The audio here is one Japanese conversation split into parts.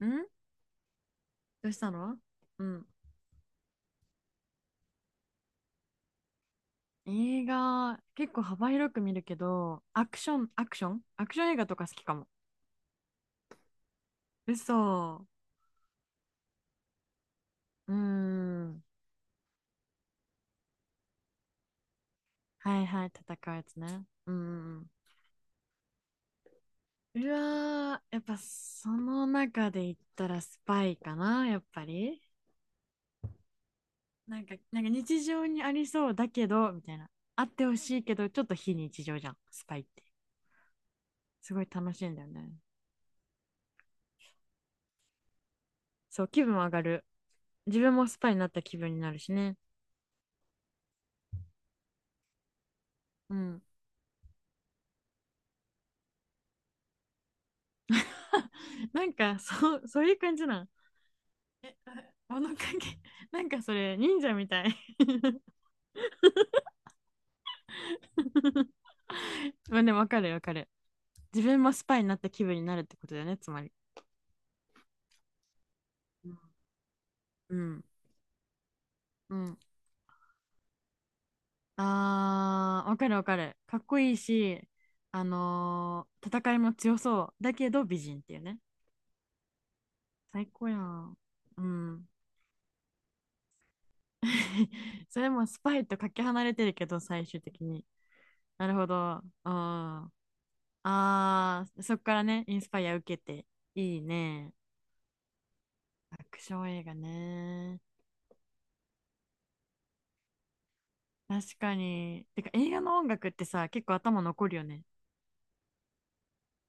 ん。どうしたの？うん。映画、結構幅広く見るけど、アクション映画とか好きかも。嘘。うーん。はいはい、戦うやつね。うんうんうん。うわー、やっぱその中で言ったらスパイかな、やっぱり。なんか日常にありそうだけど、みたいな。あってほしいけど、ちょっと非日常じゃん、スパイって。すごい楽しいんだよね。そう、気分上がる。自分もスパイになった気分になるしね。うん。なんかそうそういう感じなん？物陰。 なんかそれ忍者みたい。 まあでもわかるわかる。自分もスパイになった気分になるってことだよね、つまり。うんうん。あー、わかるわかる。かっこいいし、戦いも強そうだけど美人っていうね。最高やん。うん。 それもスパイとかけ離れてるけど、最終的に。なるほど。あ、ああ、そっからね、インスパイア受けて。いいね。アクション映画ね。確かに。てか、映画の音楽ってさ、結構頭残るよね。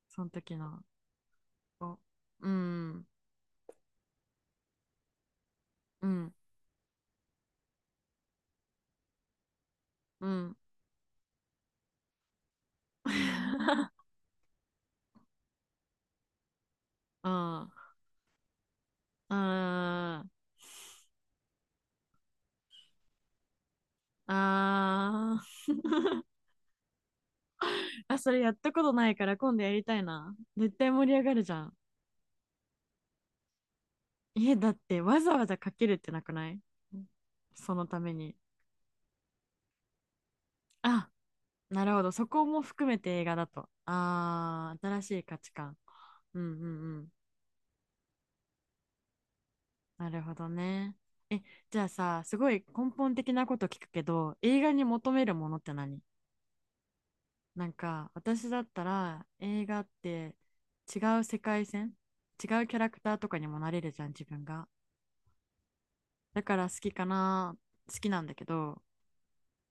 その時の。こうんうん、うん、うん。うん。ああー。あ、それやったことないから今度やりたいな。絶対盛り上がるじゃん。え、だってわざわざかけるってなくない？そのために。あ、なるほど。そこも含めて映画だと。ああ、新しい価値観。うんうんうん。なるほどね。え、じゃあさ、すごい根本的なこと聞くけど、映画に求めるものって何？なんか、私だったら映画って、違う世界線、違うキャラクターとかにもなれるじゃん、自分が。だから好きかな、好きなんだけど、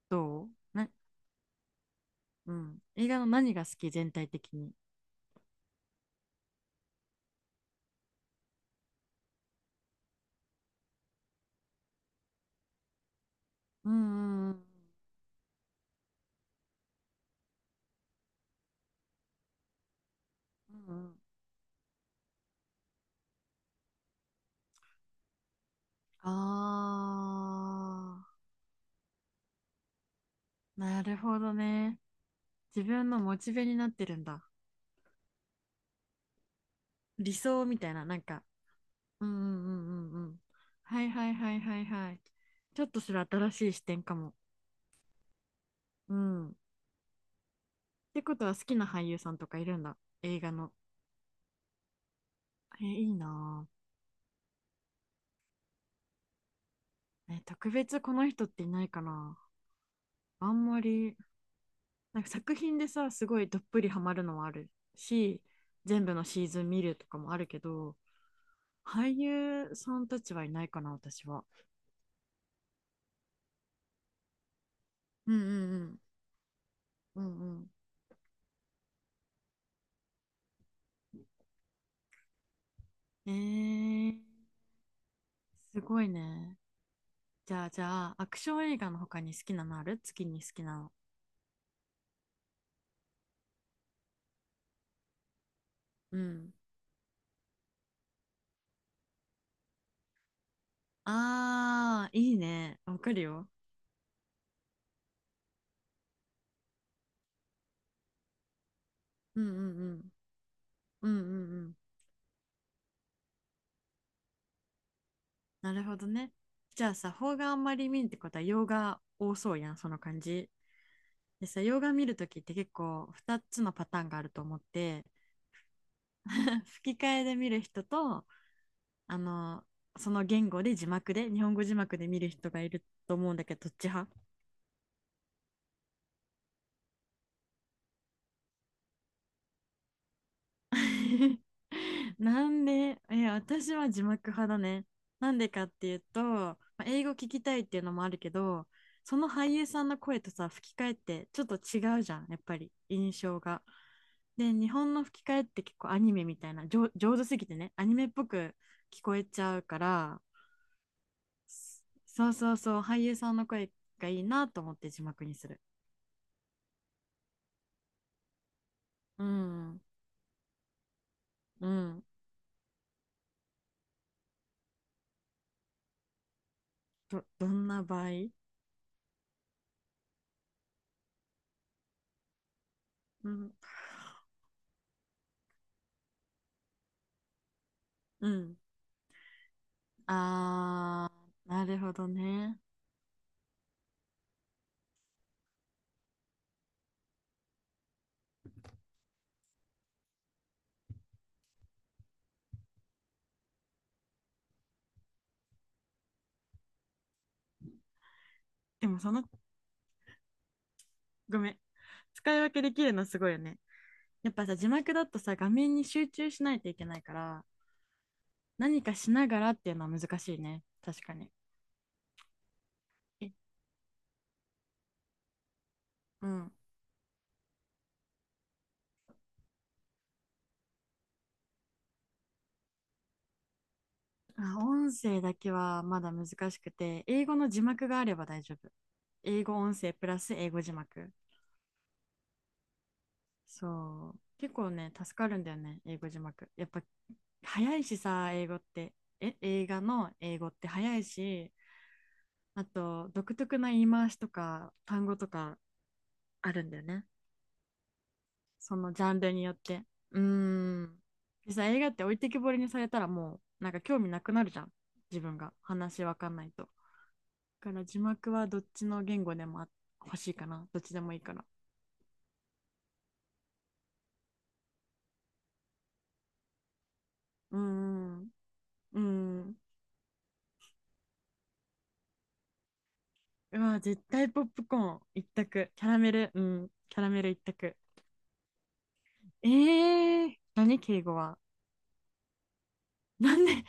どうな、うん。映画の何が好き、全体的に。うんうんうん。うんうん。ああ。なるほどね。自分のモチベになってるんだ。理想みたいな、なんか。うんうんうんうんうん。はいはいはいはいはい。ちょっとそれ新しい視点かも。うん。ってことは好きな俳優さんとかいるんだ。映画の。え、いいなぁ。え、特別この人っていないかな。あんまり、なんか作品でさ、すごいどっぷりハマるのはあるし、全部のシーズン見るとかもあるけど、俳優さんたちはいないかな、私は。うんうんうん。うん。えー、すごいね。じゃあ、アクション映画の他に好きなのある？月に好きなの。うん。ああ、いいね。わかるよ。うんうんうん。うんうんうん。なるほどね。じゃあさ、邦画あんまり見んってことは洋画多そうやん、その感じ。でさ、洋画見るときって結構2つのパターンがあると思って、吹き替えで見る人と、あの、その言語で字幕で、日本語字幕で見る人がいると思うんだけど、どっち派？ なんで、え、私は字幕派だね。なんでかっていうと、まあ英語聞きたいっていうのもあるけど、その俳優さんの声とさ、吹き替えってちょっと違うじゃん、やっぱり印象が。で、日本の吹き替えって結構アニメみたいな、上手すぎてね、アニメっぽく聞こえちゃうから、そそうそうそう、俳優さんの声がいいなと思って字幕にする。うん、うん、どんな場合？うん、うん。あー、なるほどね。でもその、ごめん。使い分けできるのすごいよね。やっぱさ、字幕だとさ、画面に集中しないといけないから、何かしながらっていうのは難しいね。確かに。え、うん。あ、音声だけはまだ難しくて、英語の字幕があれば大丈夫。英語音声プラス英語字幕。そう。結構ね、助かるんだよね、英語字幕。やっぱ、早いしさ、英語って。え、映画の英語って早いし、あと、独特な言い回しとか単語とかあるんだよね。そのジャンルによって。うーん。でさ、映画って置いてきぼりにされたらもう、なんか興味なくなるじゃん。自分が。話わかんないと。だから字幕はどっちの言語でも欲しいかな。どっちでもいいから。うーん。うーん。うわ、絶対ポップコーン一択。キャラメル、うん。キャラメル一択。えー、何敬語は。なんで？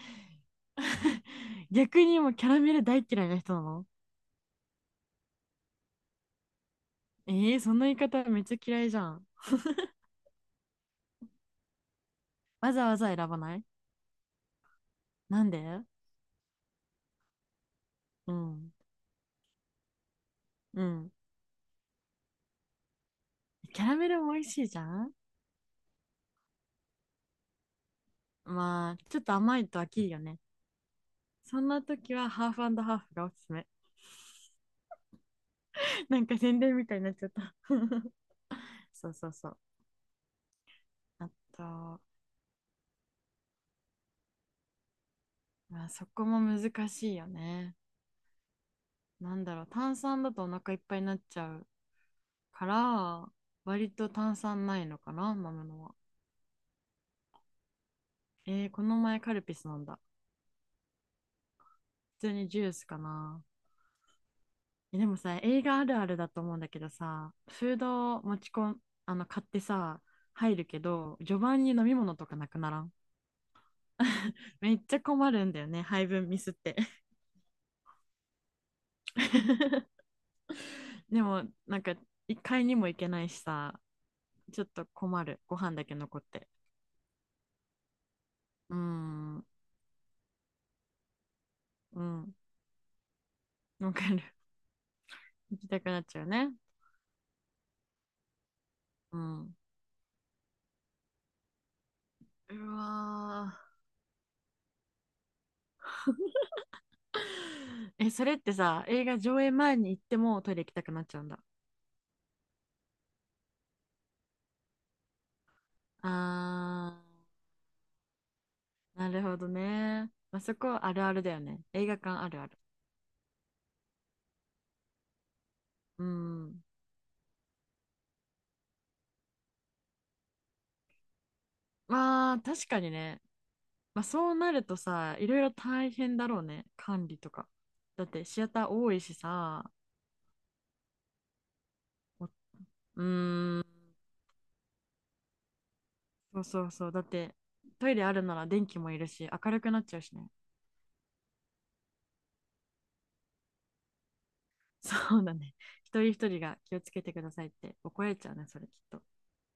逆にもうキャラメル大嫌いな人なの？えー、その言い方めっちゃ嫌いじゃん。わざわざ選ばない？なんで？うん。うん。キャラメルも美味しいじゃん。まあ、ちょっと甘いと飽きるよね。そんな時はハーフハーフがおすすめ。なんか宣伝みたいになっちゃった。そうそうそう。あと、まあ、そこも難しいよね。なんだろう、炭酸だとお腹いっぱいになっちゃうから、割と炭酸ないのかな、飲むのは。えー、この前カルピス飲んだ。普通にジュースかな。え、でもさ、映画あるあるだと思うんだけどさ、フードを持ち込ん、買ってさ、入るけど、序盤に飲み物とかなくならん？ めっちゃ困るんだよね、配分ミスって。でも、なんか、一回にも行けないしさ、ちょっと困る、ご飯だけ残って。うーん、うん、わかる。行きたくなっちゃうね。うん。うわー。え、それってさ、映画上映前に行ってもトイレ行きたくなっちゃうんだ。あー。なるほどね。まあ、そこあるあるだよね。映画館あるある。うん。まあ、確かにね。まあ、そうなるとさ、いろいろ大変だろうね。管理とか。だって、シアター多いしさ。おうーん。そうそうそう。だって、トイレあるなら電気もいるし、明るくなっちゃうしね。そうだね。一人一人が気をつけてくださいって怒られちゃうね、それきっと。